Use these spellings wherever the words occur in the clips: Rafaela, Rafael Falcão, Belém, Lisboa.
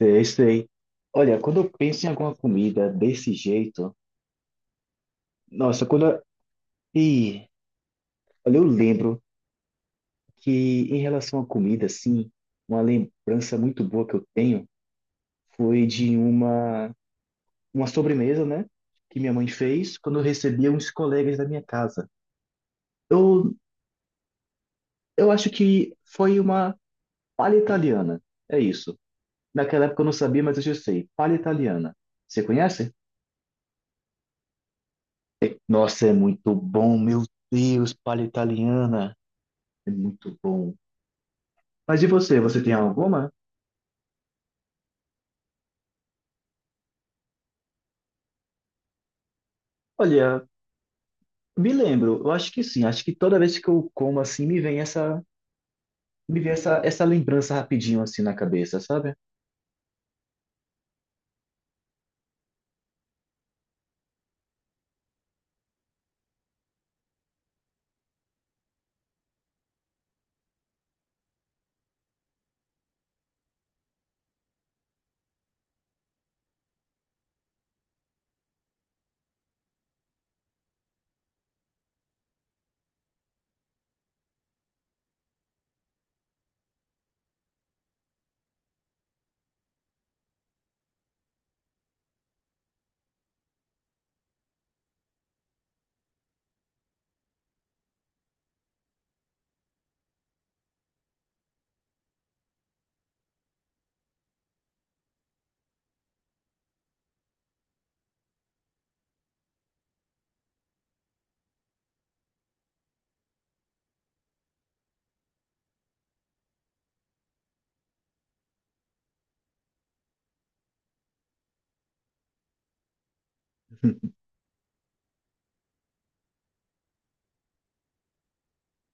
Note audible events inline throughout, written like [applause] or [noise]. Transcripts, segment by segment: Sei, sei. Olha, quando eu penso em alguma comida desse jeito, nossa, quando eu... Ih, olha, eu lembro que em relação à comida, assim, uma lembrança muito boa que eu tenho foi de uma sobremesa, né, que minha mãe fez quando eu recebia uns colegas da minha casa. Eu, eu acho que foi uma palha italiana, é isso. Naquela época eu não sabia, mas hoje eu sei, palha italiana. Você conhece? Nossa, é muito bom, meu Deus, palha italiana. É muito bom. Mas e você, você tem alguma? Olha, me lembro, eu acho que sim, acho que toda vez que eu como assim, me vem essa lembrança rapidinho assim na cabeça, sabe?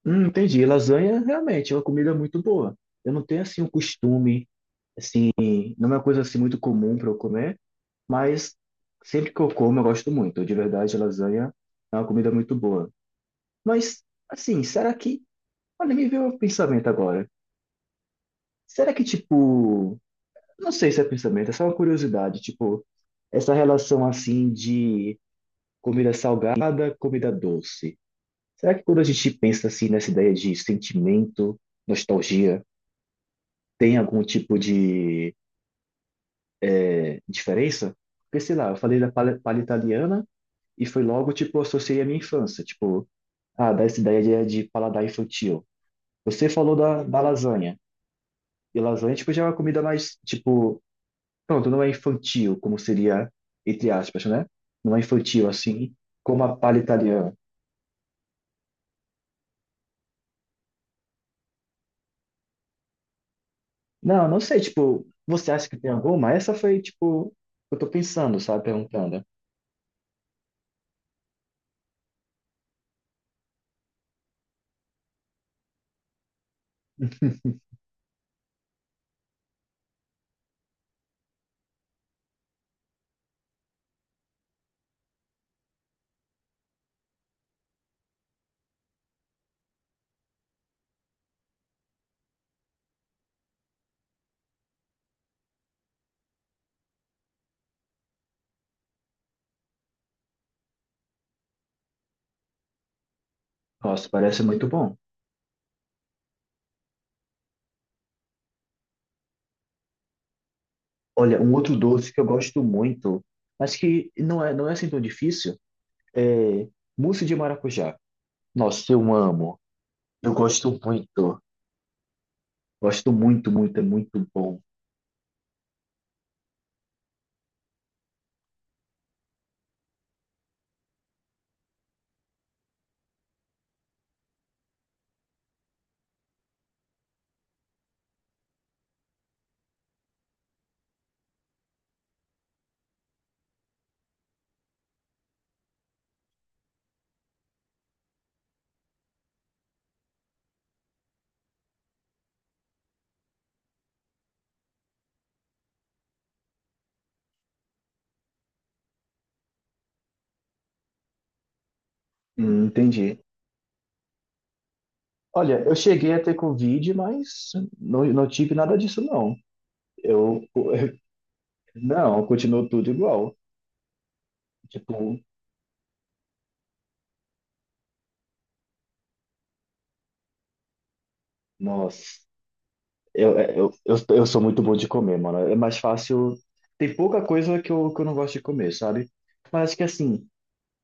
Entendi, lasanha realmente é uma comida muito boa. Eu não tenho assim um costume, assim, não é uma coisa assim muito comum para eu comer, mas sempre que eu como eu gosto muito. De verdade, lasanha é uma comida muito boa. Mas, assim, será que, olha, me veio um pensamento agora. Será que, tipo, não sei se é pensamento, é só uma curiosidade. Tipo, essa relação assim de comida salgada, comida doce. Será que quando a gente pensa assim nessa ideia de sentimento, nostalgia, tem algum tipo de diferença? Porque, sei lá, eu falei da palha italiana e foi logo, tipo, associei à minha infância. Tipo, ah, dá essa ideia de paladar infantil. Você falou da lasanha. E lasanha, tipo, já é uma comida mais, tipo, pronto, não é infantil, como seria, entre aspas, né? Não é infantil assim, como a palha italiana. Não, não sei, tipo, você acha que tem alguma? Essa foi, tipo, eu tô pensando, sabe? Perguntando. Nossa, parece muito bom. Olha, um outro doce que eu gosto muito, mas que não é assim tão difícil, é mousse de maracujá. Nossa, eu amo. Eu gosto muito. Gosto muito, muito, é muito bom. Entendi. Olha, eu cheguei a ter Covid, mas não, não tive nada disso, não. Eu, não, continuo tudo igual. Tipo, nossa, eu sou muito bom de comer, mano. É mais fácil. Tem pouca coisa que eu não gosto de comer, sabe? Mas acho que assim,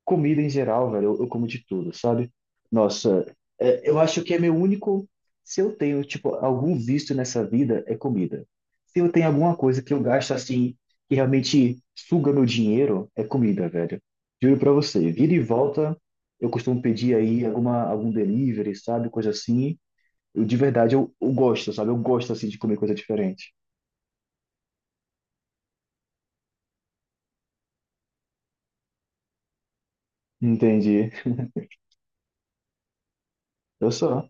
comida em geral, velho, eu como de tudo, sabe? Nossa, é, eu acho que é meu único. Se eu tenho, tipo, algum vício nessa vida, é comida. Se eu tenho alguma coisa que eu gasto assim, que realmente suga meu dinheiro, é comida, velho. Juro pra você, vira e volta, eu costumo pedir aí algum delivery, sabe? Coisa assim. Eu, de verdade, eu gosto, sabe? Eu gosto, assim, de comer coisa diferente. Entendi. Eu sou.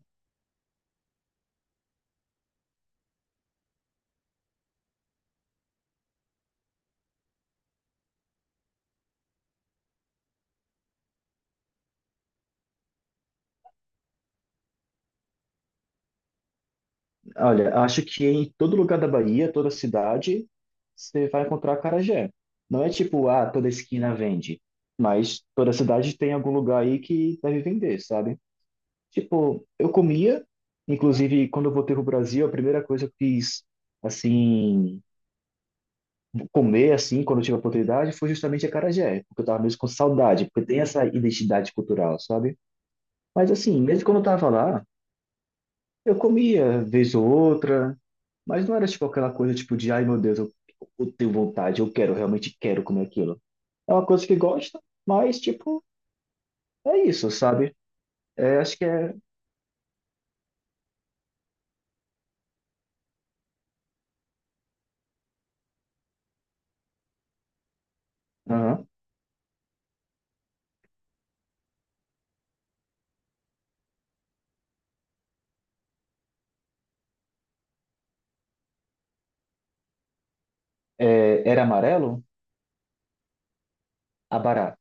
Olha, acho que em todo lugar da Bahia, toda cidade, você vai encontrar acarajé. Não é tipo, ah, toda esquina vende, mas toda cidade tem algum lugar aí que deve vender, sabe? Tipo, eu comia, inclusive quando eu voltei pro Brasil, a primeira coisa que eu quis, assim, comer, assim, quando eu tive a oportunidade, foi justamente acarajé, porque eu tava mesmo com saudade, porque tem essa identidade cultural, sabe? Mas assim, mesmo quando eu tava lá, eu comia vez ou outra, mas não era tipo aquela coisa tipo de, ai meu Deus, eu tenho vontade, eu quero, realmente quero comer aquilo. É uma coisa que gosta, mas tipo, é isso, sabe? É, acho que é, aham. É, era amarelo? Abará.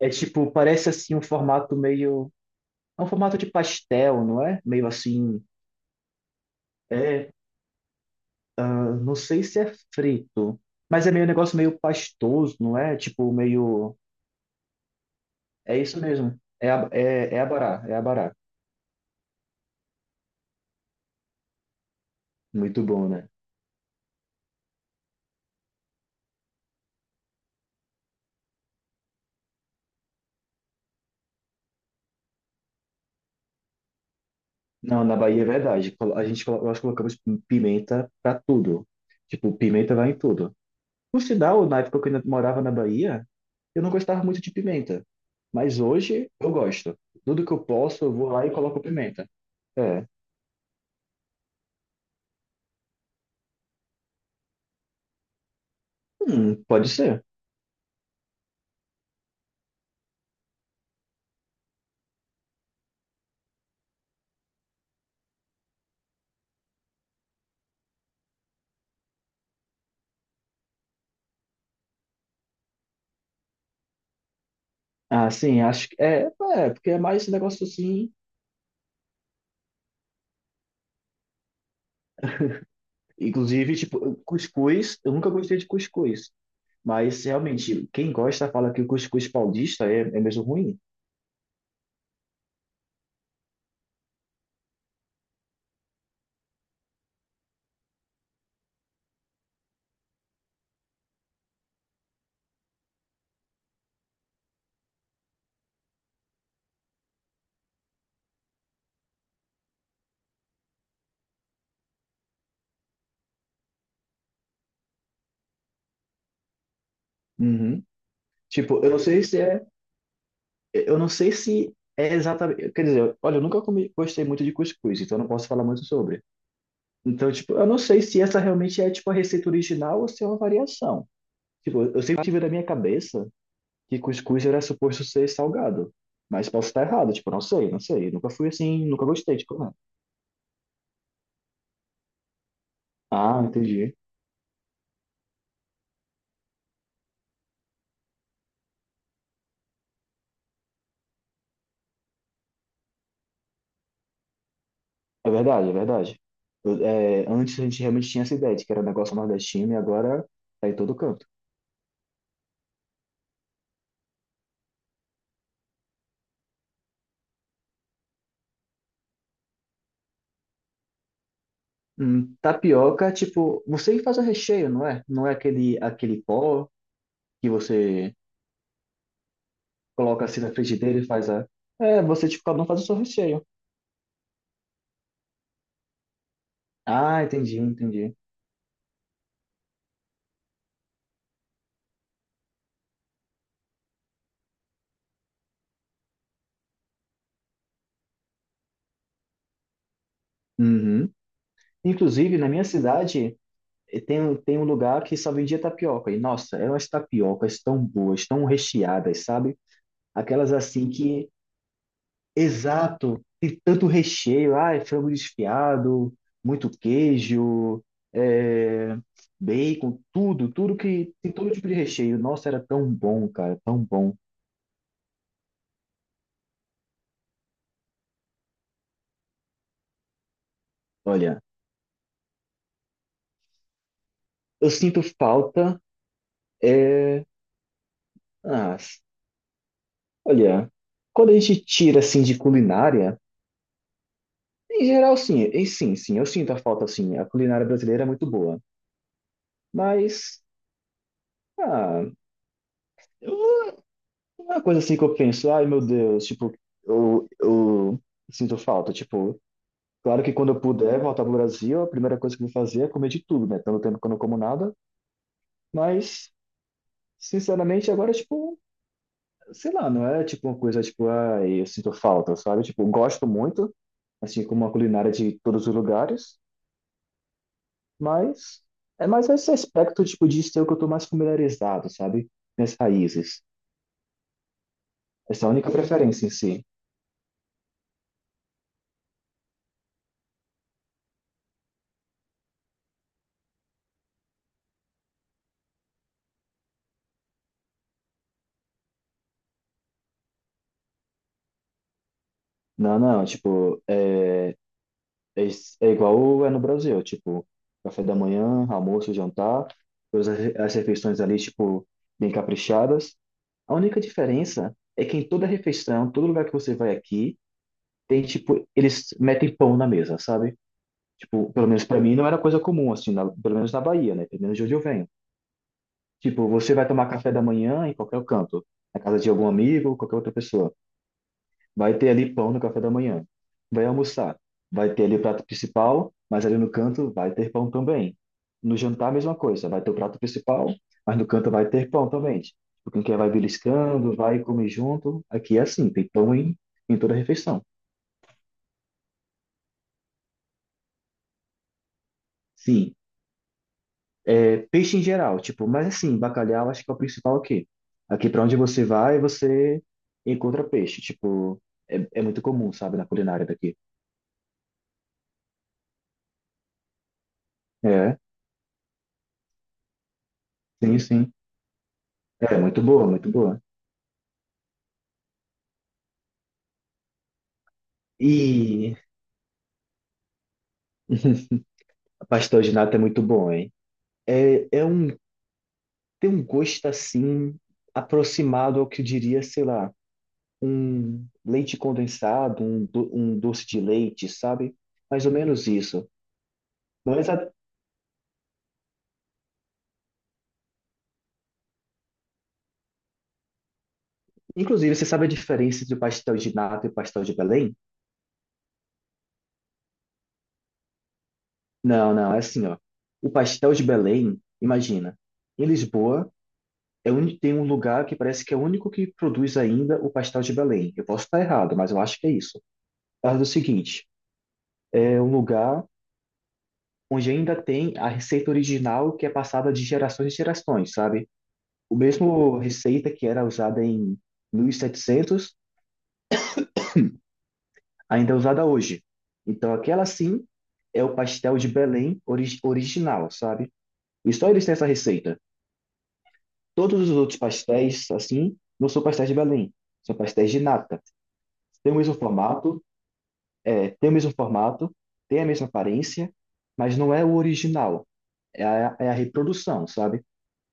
É tipo, parece assim um formato meio. É um formato de pastel, não é? Meio assim. É, ah, não sei se é frito, mas é meio um negócio meio pastoso, não é? Tipo, meio. É isso mesmo. É, é abará, é abará. Muito bom, né? Não, na Bahia é verdade. Nós colocamos pimenta pra tudo. Tipo, pimenta vai em tudo. Por sinal, na época que eu ainda morava na Bahia, eu não gostava muito de pimenta. Mas hoje eu gosto. Tudo que eu posso, eu vou lá e coloco pimenta. É. Pode ser. Ah, sim, acho que é, porque é mais esse negócio assim. Inclusive, tipo, cuscuz, eu nunca gostei de cuscuz. Mas realmente, quem gosta fala que o cuscuz paulista é mesmo ruim. Uhum. Tipo, eu não sei se é. Eu não sei se é exatamente. Quer dizer, olha, eu nunca comi, gostei muito de cuscuz, então eu não posso falar muito sobre. Então, tipo, eu não sei se essa realmente é, tipo, a receita original ou se é uma variação. Tipo, eu sempre tive na minha cabeça que cuscuz era suposto ser salgado. Mas posso estar errado, tipo, não sei, não sei. Nunca fui assim, nunca gostei, tipo, não. Ah, entendi. É verdade, é verdade. É, antes a gente realmente tinha essa ideia de que era um negócio nordestino e agora tá em todo canto. Tapioca, tipo, você que faz o recheio, não é? Não é aquele, aquele pó que você coloca assim na frigideira e faz a. É, você, tipo, cada um faz o seu recheio. Ah, entendi, entendi. Uhum. Inclusive, na minha cidade, tem um lugar que só vendia tapioca. E, nossa, eram as tapiocas tão boas, tão recheadas, sabe? Aquelas assim que Exato, e tanto recheio, ah, frango desfiado, muito queijo, é, bacon, tudo que tem todo tipo de recheio. Nossa, era tão bom, cara, tão bom. Olha, eu sinto falta. Ah, olha, quando a gente tira assim de culinária, em geral, sim, e sim, sim, eu sinto a falta, assim. A culinária brasileira é muito boa, mas ah, eu- uma coisa assim que eu penso, ai meu Deus, tipo, eu sinto falta, tipo. Claro que quando eu puder voltar pro Brasil, a primeira coisa que eu vou fazer é comer de tudo, né? Tanto tempo que eu não como nada, mas, sinceramente, agora, tipo, sei lá, não é tipo uma coisa, tipo, ah, eu sinto falta, sabe? Tipo, eu gosto muito, assim, como a culinária de todos os lugares, mas é mais esse aspecto, tipo, de ser o que eu tô mais familiarizado, sabe? Minhas raízes. Essa é a única preferência em si. Não, não, tipo, é igual é no Brasil, tipo, café da manhã, almoço, jantar, todas as refeições ali, tipo, bem caprichadas. A única diferença é que em toda refeição, todo lugar que você vai aqui, tem, tipo, eles metem pão na mesa, sabe? Tipo, pelo menos pra mim não era coisa comum, assim, pelo menos na Bahia, né? Pelo menos de onde eu venho. Tipo, você vai tomar café da manhã em qualquer canto, na casa de algum amigo, qualquer outra pessoa. Vai ter ali pão no café da manhã. Vai almoçar. Vai ter ali o prato principal, mas ali no canto vai ter pão também. No jantar, a mesma coisa. Vai ter o prato principal, mas no canto vai ter pão também. Tipo, quem quer vai beliscando, vai comer junto. Aqui é assim, tem pão em toda a refeição. Sim. É, peixe em geral, tipo, mas assim, bacalhau acho que é o principal aqui. Aqui para onde você vai, você encontra peixe. Tipo, é muito comum, sabe, na culinária daqui. É, sim, sim. É, muito boa, muito boa. E a pastel de nata é muito bom, hein? É, tem um gosto assim, aproximado ao que eu diria, sei lá, um leite condensado, um doce de leite, sabe? Mais ou menos isso. Não é exa- Inclusive, você sabe a diferença entre o pastel de nata e o pastel de Belém? Não, não, é assim, ó. O pastel de Belém, imagina, em Lisboa, tem um lugar que parece que é o único que produz ainda o pastel de Belém. Eu posso estar errado, mas eu acho que é isso. É o seguinte, é um lugar onde ainda tem a receita original que é passada de gerações em gerações, sabe? O mesmo receita que era usada em 1700 ainda é usada hoje. Então, aquela sim é o pastel de Belém original, sabe? E só eles têm essa receita. Todos os outros pastéis, assim, não são pastéis de Belém, são pastéis de nata. Tem o mesmo formato, tem o mesmo formato, tem a mesma aparência, mas não é o original, é a reprodução, sabe?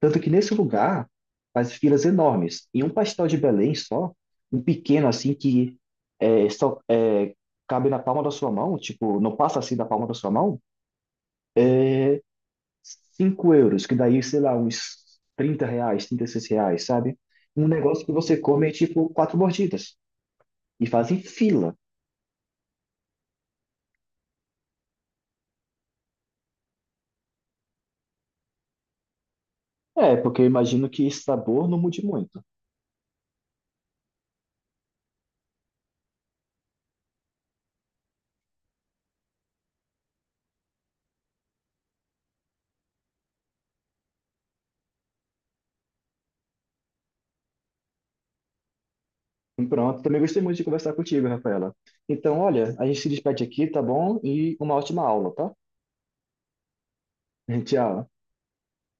Tanto que nesse lugar faz filas enormes. E um pastel de Belém só, um pequeno assim que é, só é, cabe na palma da sua mão, tipo, não passa assim da palma da sua mão, 5 euros, que daí, sei lá, uns 30 reais, 36 reais, sabe? Um negócio que você come, é, tipo, quatro mordidas. E fazem fila. É, porque eu imagino que esse sabor não mude muito. Pronto, também gostei muito de conversar contigo, Rafaela. Então, olha, a gente se despede aqui, tá bom? E uma ótima aula, tá? [laughs] Tchau.